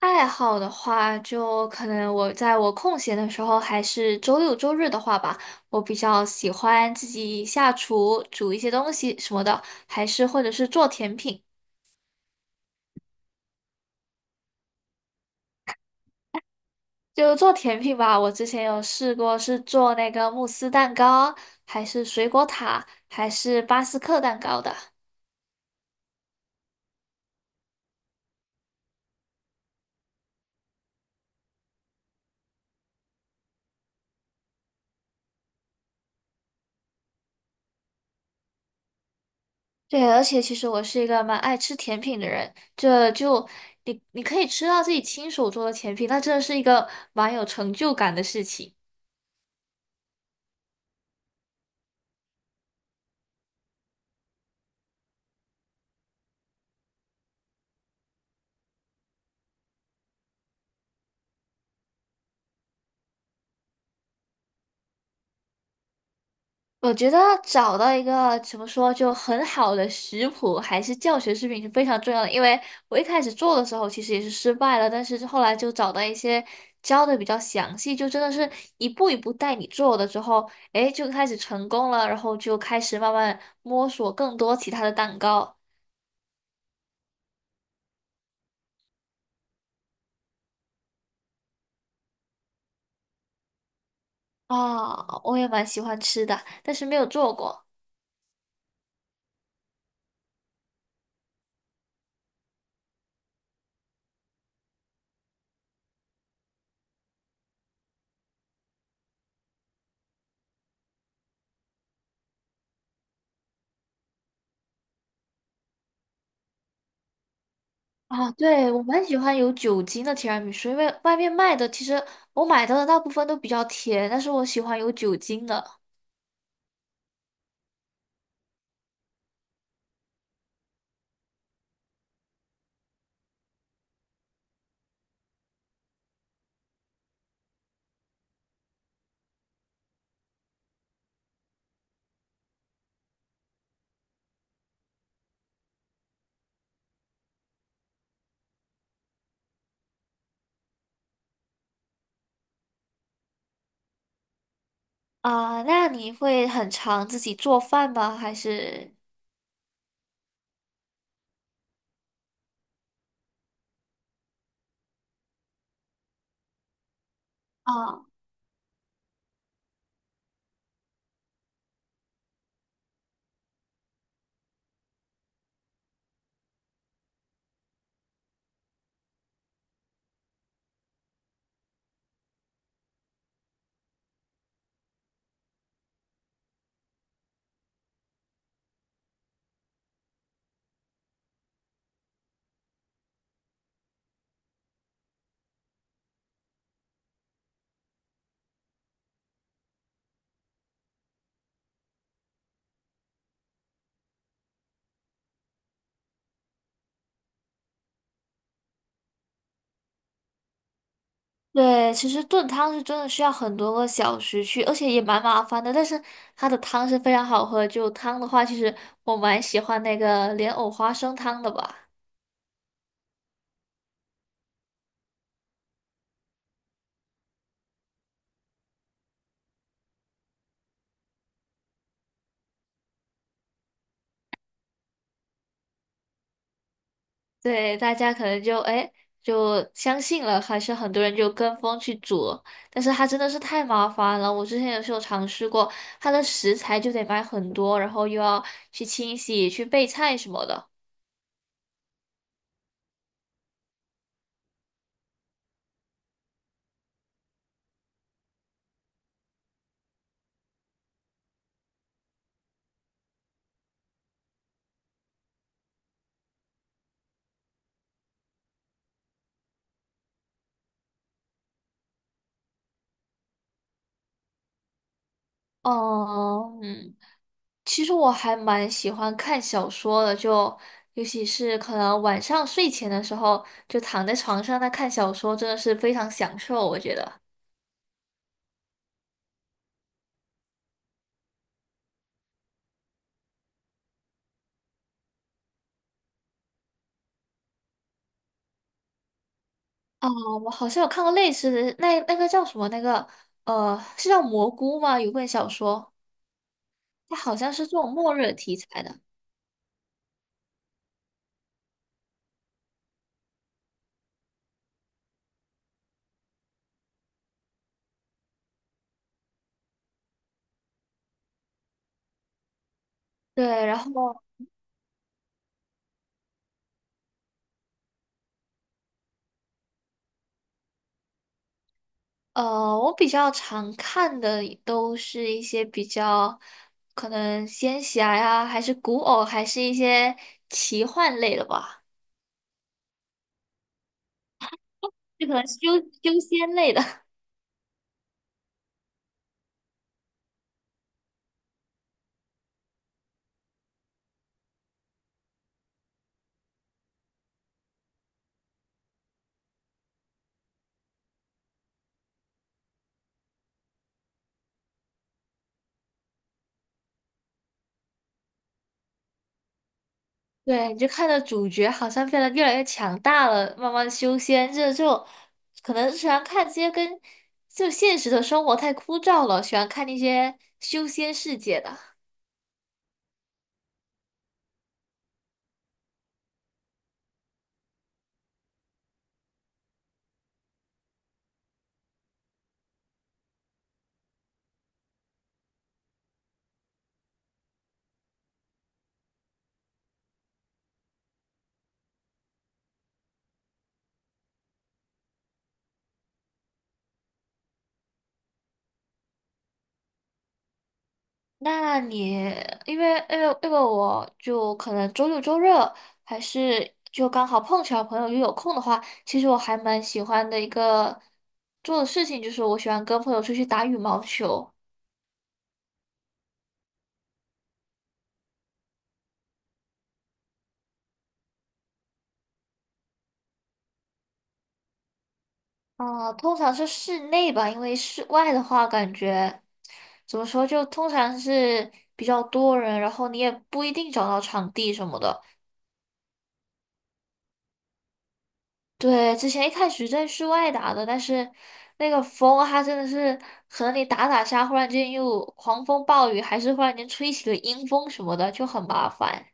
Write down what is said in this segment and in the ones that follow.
爱好的话，就可能我在我空闲的时候，还是周六周日的话吧，我比较喜欢自己下厨煮一些东西什么的，还是或者是做甜品。就做甜品吧，我之前有试过是做那个慕斯蛋糕，还是水果塔，还是巴斯克蛋糕的。对，而且其实我是一个蛮爱吃甜品的人，这就你可以吃到自己亲手做的甜品，那真的是一个蛮有成就感的事情。我觉得找到一个怎么说就很好的食谱还是教学视频是非常重要的，因为我一开始做的时候其实也是失败了，但是后来就找到一些教的比较详细，就真的是一步一步带你做的之后，诶，就开始成功了，然后就开始慢慢摸索更多其他的蛋糕。啊，我也蛮喜欢吃的，但是没有做过。啊，对，我蛮喜欢有酒精的提拉米苏，因为外面卖的其实我买到的大部分都比较甜，但是我喜欢有酒精的。啊，那你会很常自己做饭吗？还是？啊，对，其实炖汤是真的需要很多个小时去，而且也蛮麻烦的。但是它的汤是非常好喝，就汤的话，其实我蛮喜欢那个莲藕花生汤的吧。对，大家可能就哎就相信了，还是很多人就跟风去煮，但是它真的是太麻烦了。我之前也是有尝试过，它的食材就得买很多，然后又要去清洗、去备菜什么的。哦，嗯，其实我还蛮喜欢看小说的，就尤其是可能晚上睡前的时候，就躺在床上那看小说，真的是非常享受，我觉得。哦，我好像有看过类似的，那那个叫什么？那个是叫蘑菇吗？有本小说，它好像是这种末日题材的。对，然后呃，我比较常看的都是一些比较可能仙侠呀，还是古偶，还是一些奇幻类的吧，就可能修仙类的。对，你就看到主角好像变得越来越强大了，慢慢修仙，这就可能喜欢看这些跟就现实的生活太枯燥了，喜欢看那些修仙世界的。那你因为我就可能周六周日还是就刚好碰巧朋友又有空的话，其实我还蛮喜欢的一个做的事情就是我喜欢跟朋友出去打羽毛球。哦，通常是室内吧，因为室外的话，感觉怎么说，就通常是比较多人，然后你也不一定找到场地什么的。对，之前一开始在室外打的，但是那个风它真的是，和你打打下，忽然间又狂风暴雨，还是忽然间吹起了阴风什么的，就很麻烦。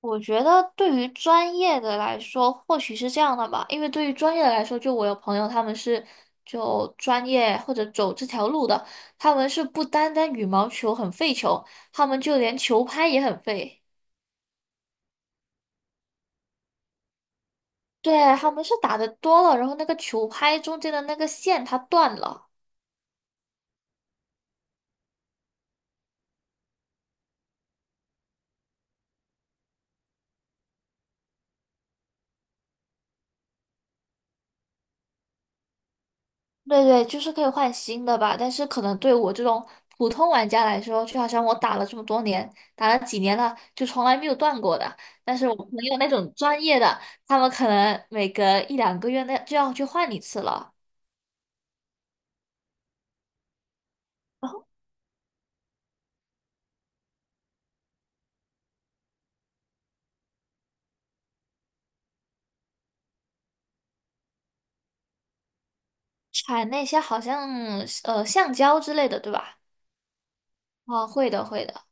我觉得对于专业的来说，或许是这样的吧，因为对于专业的来说，就我有朋友他们是就专业或者走这条路的，他们是不单单羽毛球很费球，他们就连球拍也很费。对，他们是打的多了，然后那个球拍中间的那个线它断了。对对，就是可以换新的吧，但是可能对我这种普通玩家来说，就好像我打了这么多年，打了几年了，就从来没有断过的。但是我朋友那种专业的，他们可能每隔一两个月那就要去换一次了。然后产那些好像橡胶之类的，对吧？啊，会的，会的。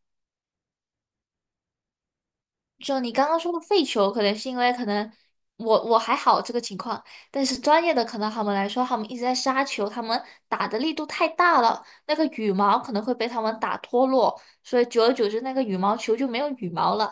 就你刚刚说的废球，可能是因为可能我还好这个情况，但是专业的可能他们来说，他们一直在杀球，他们打的力度太大了，那个羽毛可能会被他们打脱落，所以久而久之那个羽毛球就没有羽毛了。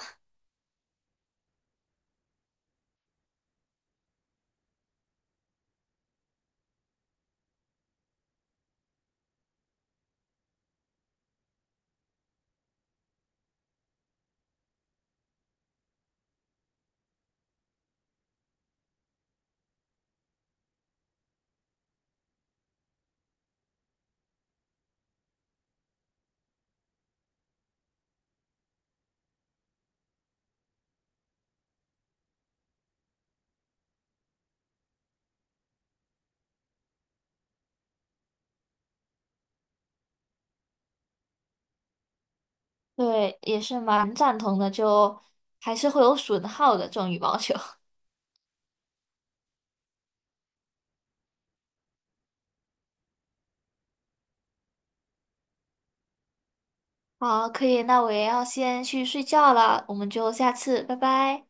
对，也是蛮赞同的，就还是会有损耗的这种羽毛球。好，可以，那我也要先去睡觉了，我们就下次，拜拜。